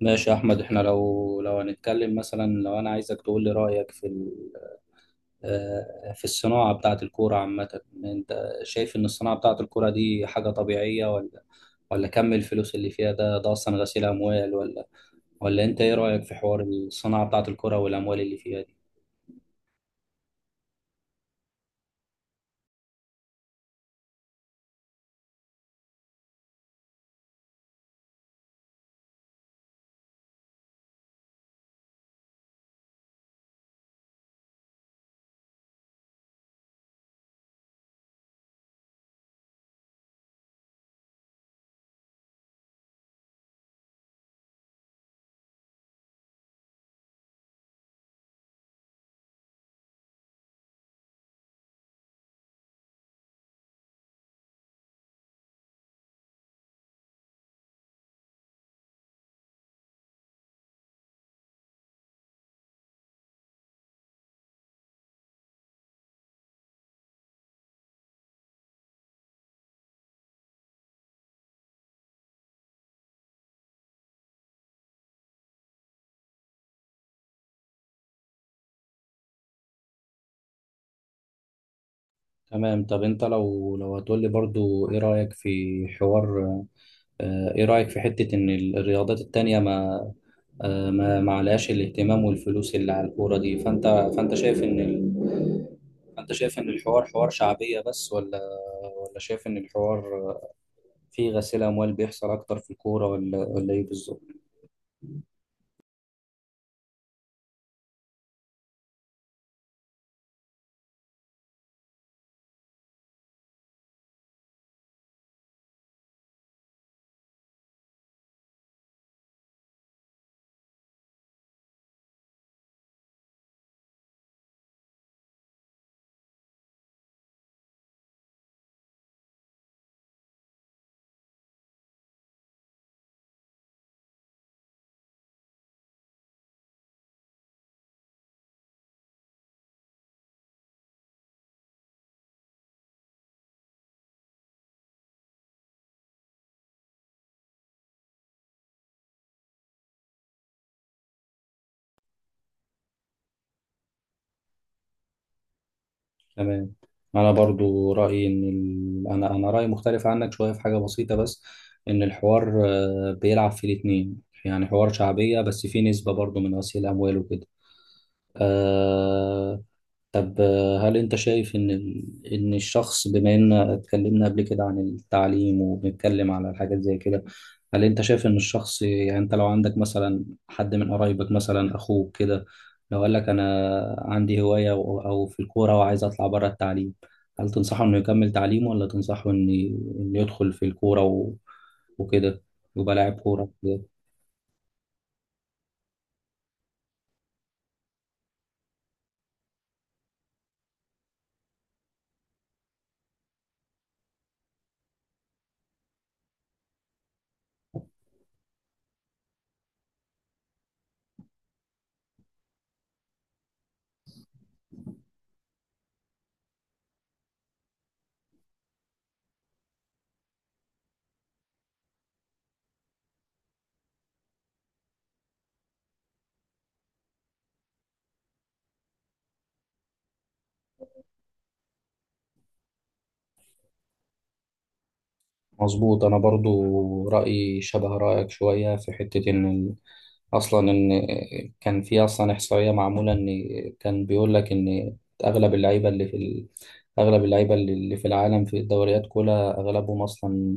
ماشي يا احمد، احنا لو هنتكلم مثلا، لو انا عايزك تقول لي رايك في في الصناعه بتاعه الكوره عامه، انت شايف ان الصناعه بتاعه الكوره دي حاجه طبيعيه، ولا كم الفلوس اللي فيها ده اصلا غسيل اموال، ولا انت ايه رايك في حوار الصناعه بتاعه الكوره والاموال اللي فيها دي؟ تمام. طب انت لو هتقول لي برضو ايه رأيك في حوار آه، ايه رأيك في حتة ان الرياضات التانية ما آه، ما ما عليهاش الاهتمام والفلوس اللي على الكورة دي؟ فانت شايف فانت شايف ان الحوار حوار شعبية بس، ولا شايف ان الحوار فيه غسيل اموال بيحصل اكتر في الكورة، ولا ايه بالظبط؟ تمام. انا برضو رايي، ان ال... انا انا رايي مختلف عنك شويه في حاجه بسيطه بس. ان الحوار بيلعب في الاتنين، يعني حوار شعبيه بس فيه نسبه برضو من غسيل اموال وكده. آه طب، هل انت شايف ان الشخص، بما ان اتكلمنا قبل كده عن التعليم، وبنتكلم على الحاجات زي كده، هل انت شايف ان الشخص يعني، انت لو عندك مثلا حد من قرايبك مثلا اخوك كده، لو قال لك انا عندي هواية او في الكورة وعايز اطلع بره التعليم، هل تنصحه انه يكمل تعليمه ولا تنصحه إن يدخل في الكورة وكده، يبقى لاعب كورة؟ مظبوط. انا برضو رايي شبه رايك شويه في حته اصلا ان كان في اصلا احصائيه معموله، ان كان بيقول لك ان اغلب اللعيبه اللي في العالم في الدوريات كلها اغلبهم اصلا،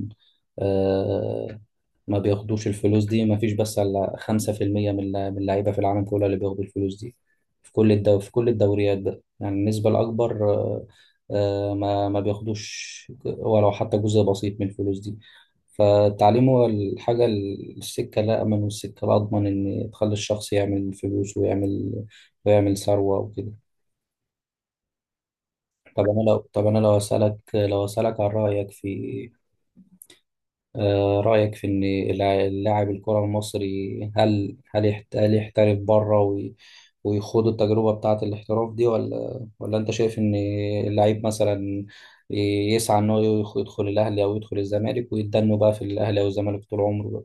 آه، ما بياخدوش الفلوس دي. ما فيش بس على 5% من اللعيبة في العالم كله اللي بياخدوا الفلوس دي، في كل الدوريات بقى، يعني النسبة الأكبر، ما بياخدوش ولو حتى جزء بسيط من الفلوس دي. فالتعليم هو الحاجة، السكة الأأمن والسكة الأضمن إن تخلي الشخص يعمل فلوس، ويعمل ثروة وكده. طب أنا لو، أسألك، عن رأيك في، رأيك في إن اللاعب الكرة المصري، هل هل يحترف بره ويخوض التجربة بتاعة الاحتراف دي، ولا أنت شايف إن اللعيب مثلا يسعى إن هو يدخل الأهلي أو يدخل الزمالك، ويتدنوا بقى في الأهلي أو الزمالك طول عمره بقى؟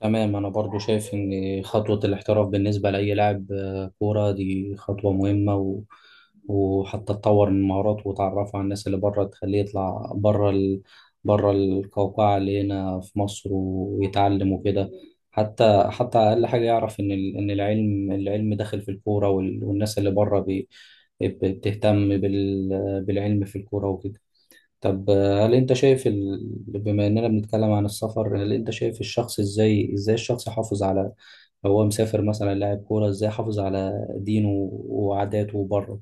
تمام. أنا برضو شايف إن خطوة الاحتراف بالنسبة لأي لاعب كورة دي خطوة مهمة، و... وحتى تطور من مهاراته وتعرفه على الناس اللي بره تخليه يطلع بره القوقعة اللي هنا في مصر ويتعلم وكده. حتى أقل حاجة يعرف إن العلم داخل في الكورة وال... والناس اللي بره بتهتم بالعلم في الكورة وكده. طب، آه، هل انت شايف ال... بما اننا بنتكلم عن السفر، هل انت شايف الشخص ازاي ازاي الشخص يحافظ على لو هو مسافر مثلا لاعب كورة، ازاي يحافظ على دينه وعاداته بره؟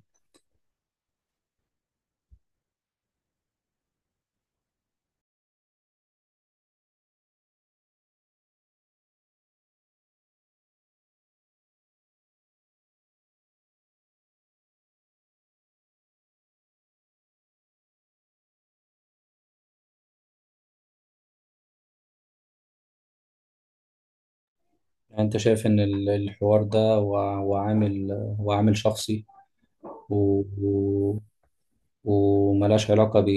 يعني انت شايف ان الحوار ده وع- وعامل شخصي، و... و... وملهاش علاقة ب...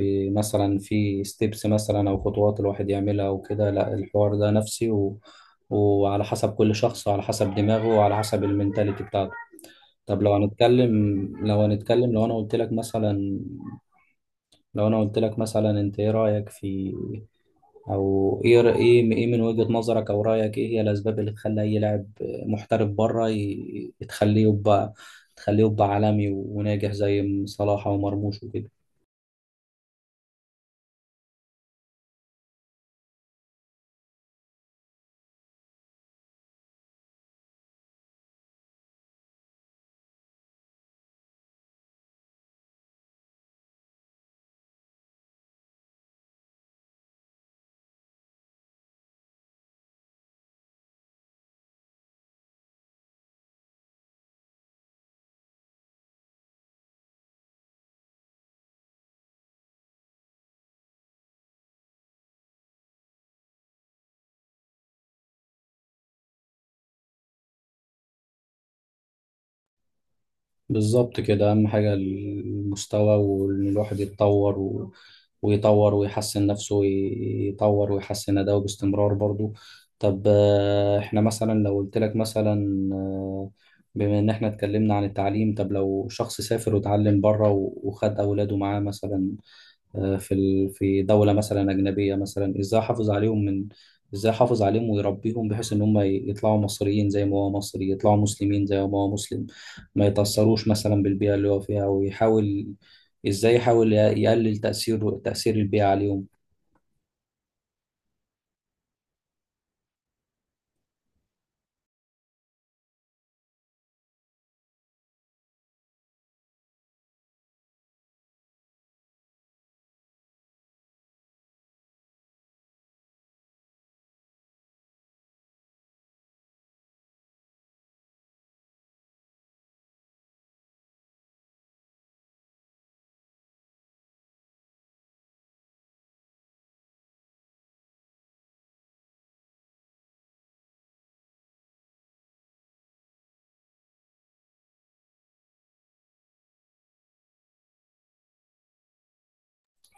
بمثلا في ستيبس مثلا او خطوات الواحد يعملها وكده. لا، الحوار ده نفسي، و... وعلى حسب كل شخص، وعلى حسب دماغه، وعلى حسب المنتاليتي بتاعته. طب لو هنتكلم، لو انا قلت لك مثلا، انت ايه رأيك في، او ايه ر- ايه ايه من وجهة نظرك، او رأيك ايه هي الاسباب اللي تخلي اي لاعب محترف بره تخليه يبقى عالمي وناجح زي صلاح ومرموش وكده. بالظبط كده. أهم حاجة المستوى، وإن الواحد يتطور و... ويطور ويحسن نفسه، ويطور ويحسن أداؤه باستمرار برضو. طب، إحنا مثلا لو قلت لك مثلا، بما إن إحنا اتكلمنا عن التعليم، طب لو شخص سافر وتعلم بره وخد أولاده معاه مثلا، في دولة مثلا أجنبية مثلا، إزاي أحافظ عليهم ويربيهم بحيث إن هم يطلعوا مصريين زي ما هو مصري، يطلعوا مسلمين زي ما هو مسلم، ما يتأثروش مثلا بالبيئة اللي هو فيها، إزاي يحاول يقلل تأثير البيئة عليهم؟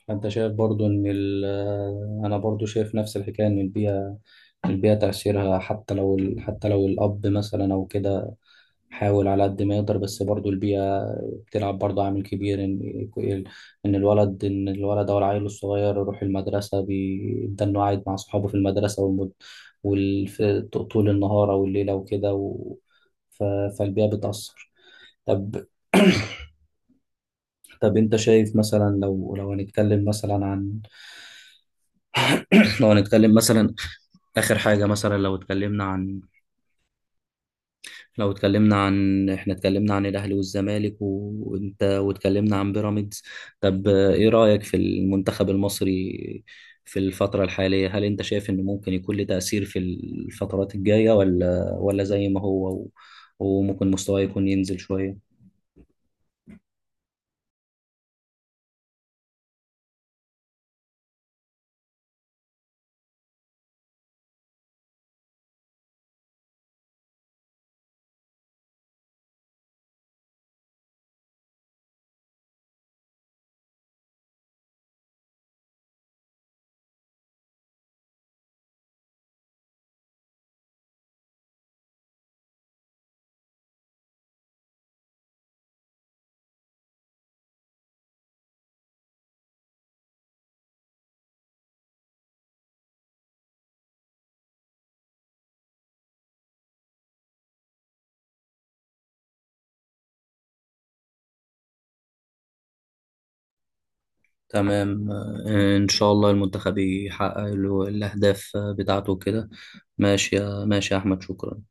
فأنت شايف برضو إن أنا برضو شايف نفس الحكاية، إن البيئة تأثيرها، حتى لو حتى لو الأب مثلا أو كده حاول على قد ما يقدر، بس برضو البيئة بتلعب برضو عامل كبير، إن الولد، أو العيل الصغير، يروح المدرسة، بيبدأ إنه قاعد مع صحابه في المدرسة طول النهار أو الليلة وكده، و... ف... فالبيئة بتأثر. طب طب أنت شايف مثلا، لو هنتكلم مثلا عن لو هنتكلم مثلا آخر حاجة مثلا، لو اتكلمنا عن لو اتكلمنا عن احنا اتكلمنا عن الاهلي والزمالك و- وانت، واتكلمنا عن بيراميدز. طب، ايه رأيك في المنتخب المصري في الفترة الحالية، هل انت شايف ان ممكن يكون له تأثير في الفترات الجاية، ولا زي ما هو، و- وممكن مستواه يكون ينزل شوية؟ تمام. ان شاء الله المنتخب يحقق له الاهداف بتاعته كده. ماشي يا احمد، شكرا.